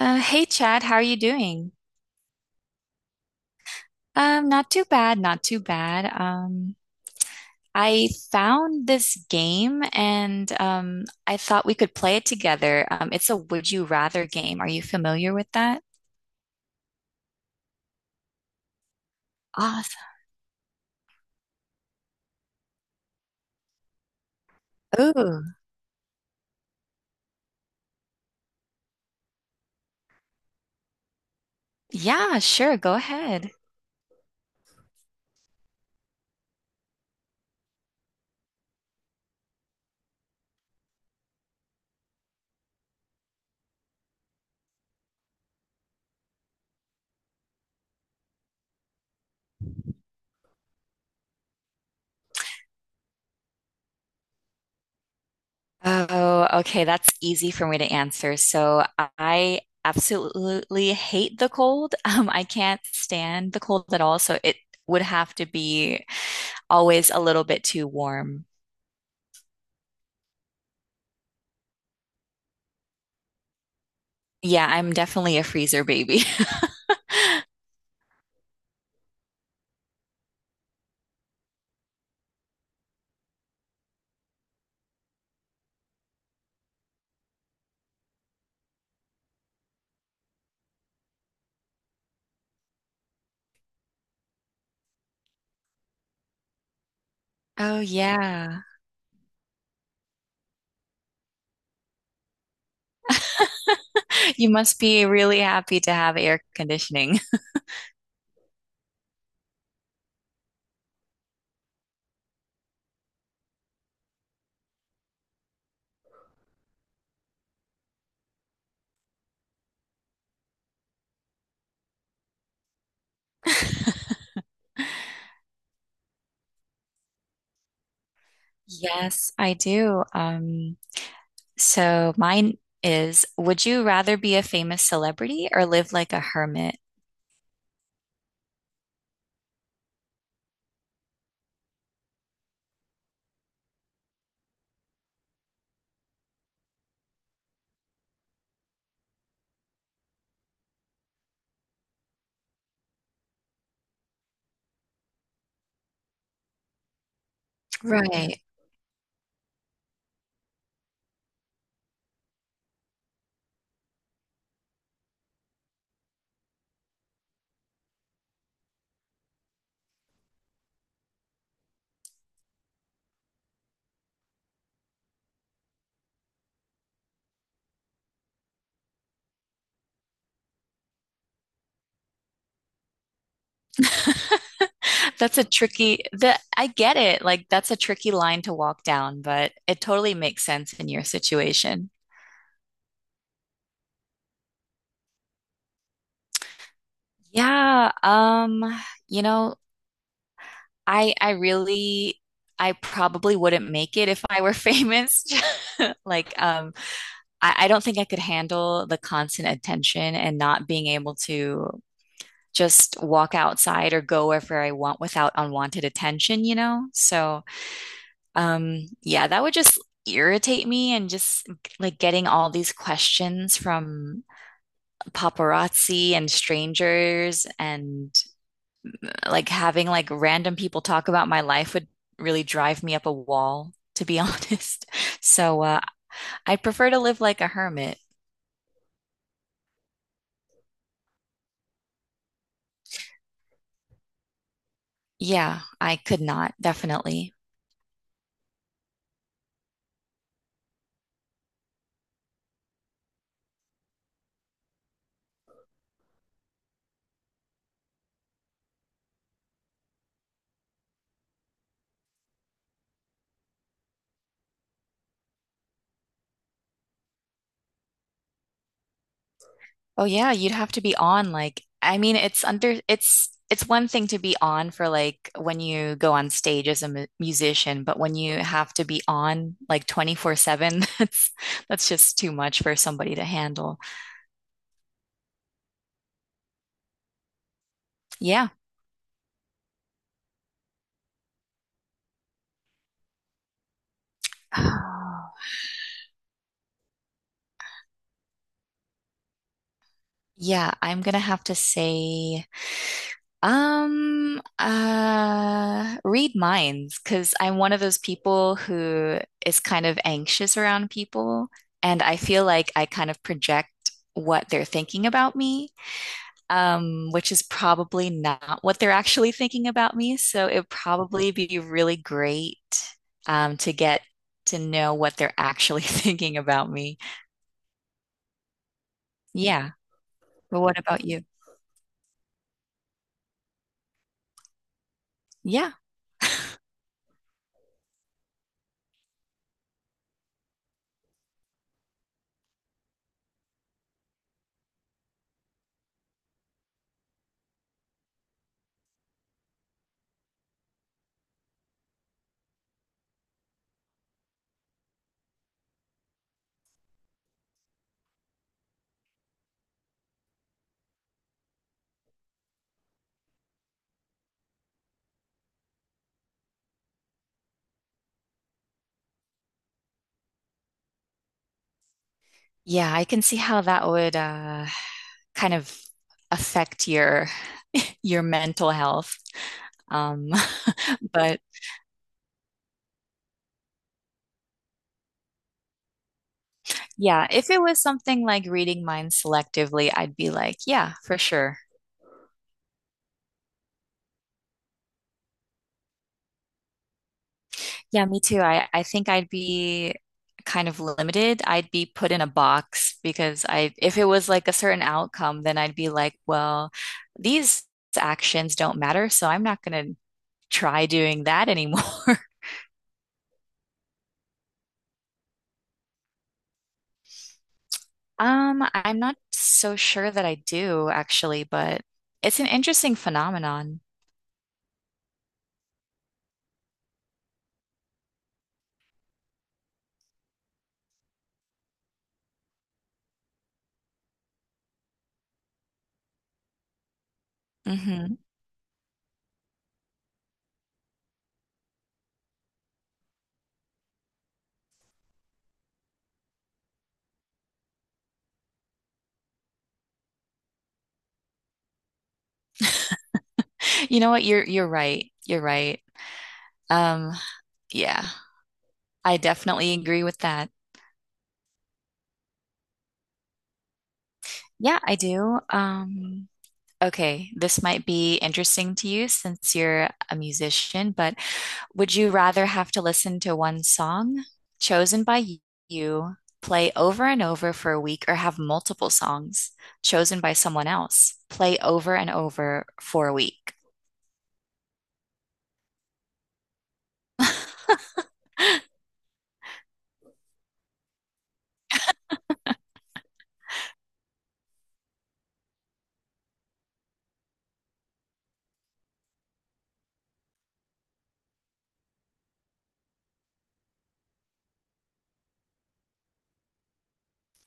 Hey Chad, how are you doing? Not too bad, not too bad. I found this game and I thought we could play it together. It's a Would You Rather game. Are you familiar with that? Awesome. Oh, yeah, sure, go ahead. Oh, okay, that's easy for me to answer. So I absolutely hate the cold. I can't stand the cold at all, so it would have to be always a little bit too warm. Yeah, I'm definitely a freezer baby. Oh, yeah. You must be really happy to have air conditioning. Yes, I do. So mine is, would you rather be a famous celebrity or live like a hermit? Right. That's a tricky, the, I get it. Like that's a tricky line to walk down, but it totally makes sense in your situation. Yeah, you know, I really I probably wouldn't make it if I were famous. Like, I don't think I could handle the constant attention and not being able to just walk outside or go wherever I want without unwanted attention? So, yeah, that would just irritate me and just like getting all these questions from paparazzi and strangers and like having like random people talk about my life would really drive me up a wall, to be honest. So I prefer to live like a hermit. Yeah, I could not, definitely. Oh yeah, you'd have to be on like I mean it's under it's one thing to be on for like when you go on stage as a mu musician, but when you have to be on like 24/7, that's just too much for somebody to handle. Yeah. Yeah, I'm gonna have to say read minds, because I'm one of those people who is kind of anxious around people, and I feel like I kind of project what they're thinking about me, which is probably not what they're actually thinking about me. So it'd probably be really great, to get to know what they're actually thinking about me. Yeah. But what about you? Yeah. Yeah, I can see how that would, kind of affect your mental health. Um, but yeah, if it was something like reading minds selectively, I'd be like, yeah, for sure. Yeah, me too. I think I'd be kind of limited. I'd be put in a box because I, if it was like a certain outcome, then I'd be like, well, these actions don't matter, so I'm not going to try doing that anymore. I'm not so sure that I do actually, but it's an interesting phenomenon. Hmm. You know what? You're right. You're right. Um, yeah, I definitely agree with that. Yeah, I do. Okay, this might be interesting to you since you're a musician, but would you rather have to listen to one song chosen by you play over and over for a week or have multiple songs chosen by someone else play over and over for a week?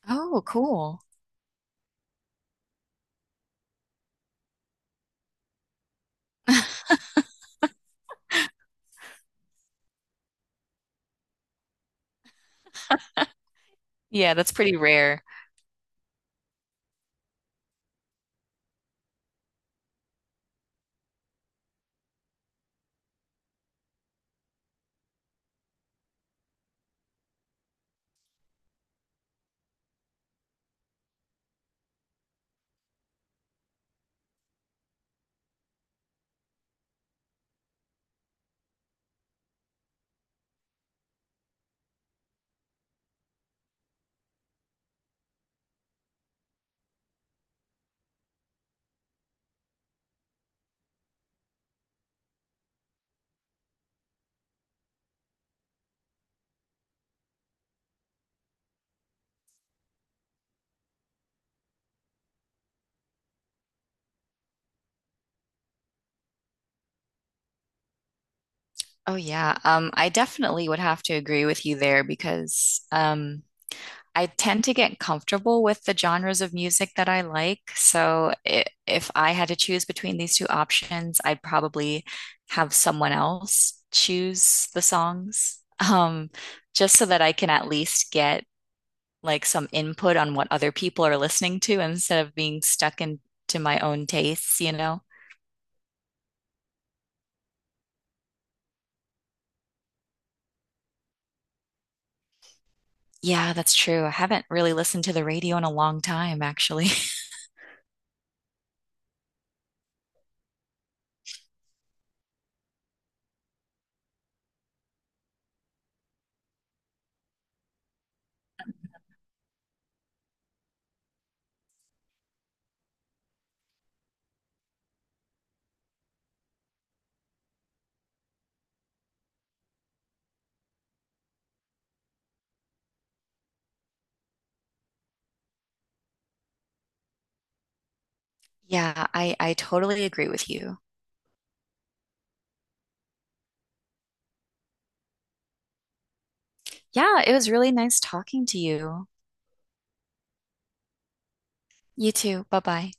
Oh, cool. Yeah, that's pretty rare. Oh yeah. I definitely would have to agree with you there because I tend to get comfortable with the genres of music that I like. So I if I had to choose between these two options, I'd probably have someone else choose the songs, um, just so that I can at least get like some input on what other people are listening to instead of being stuck into my own tastes, you know? Yeah, that's true. I haven't really listened to the radio in a long time, actually. Yeah, I totally agree with you. Yeah, it was really nice talking to you. You too. Bye bye.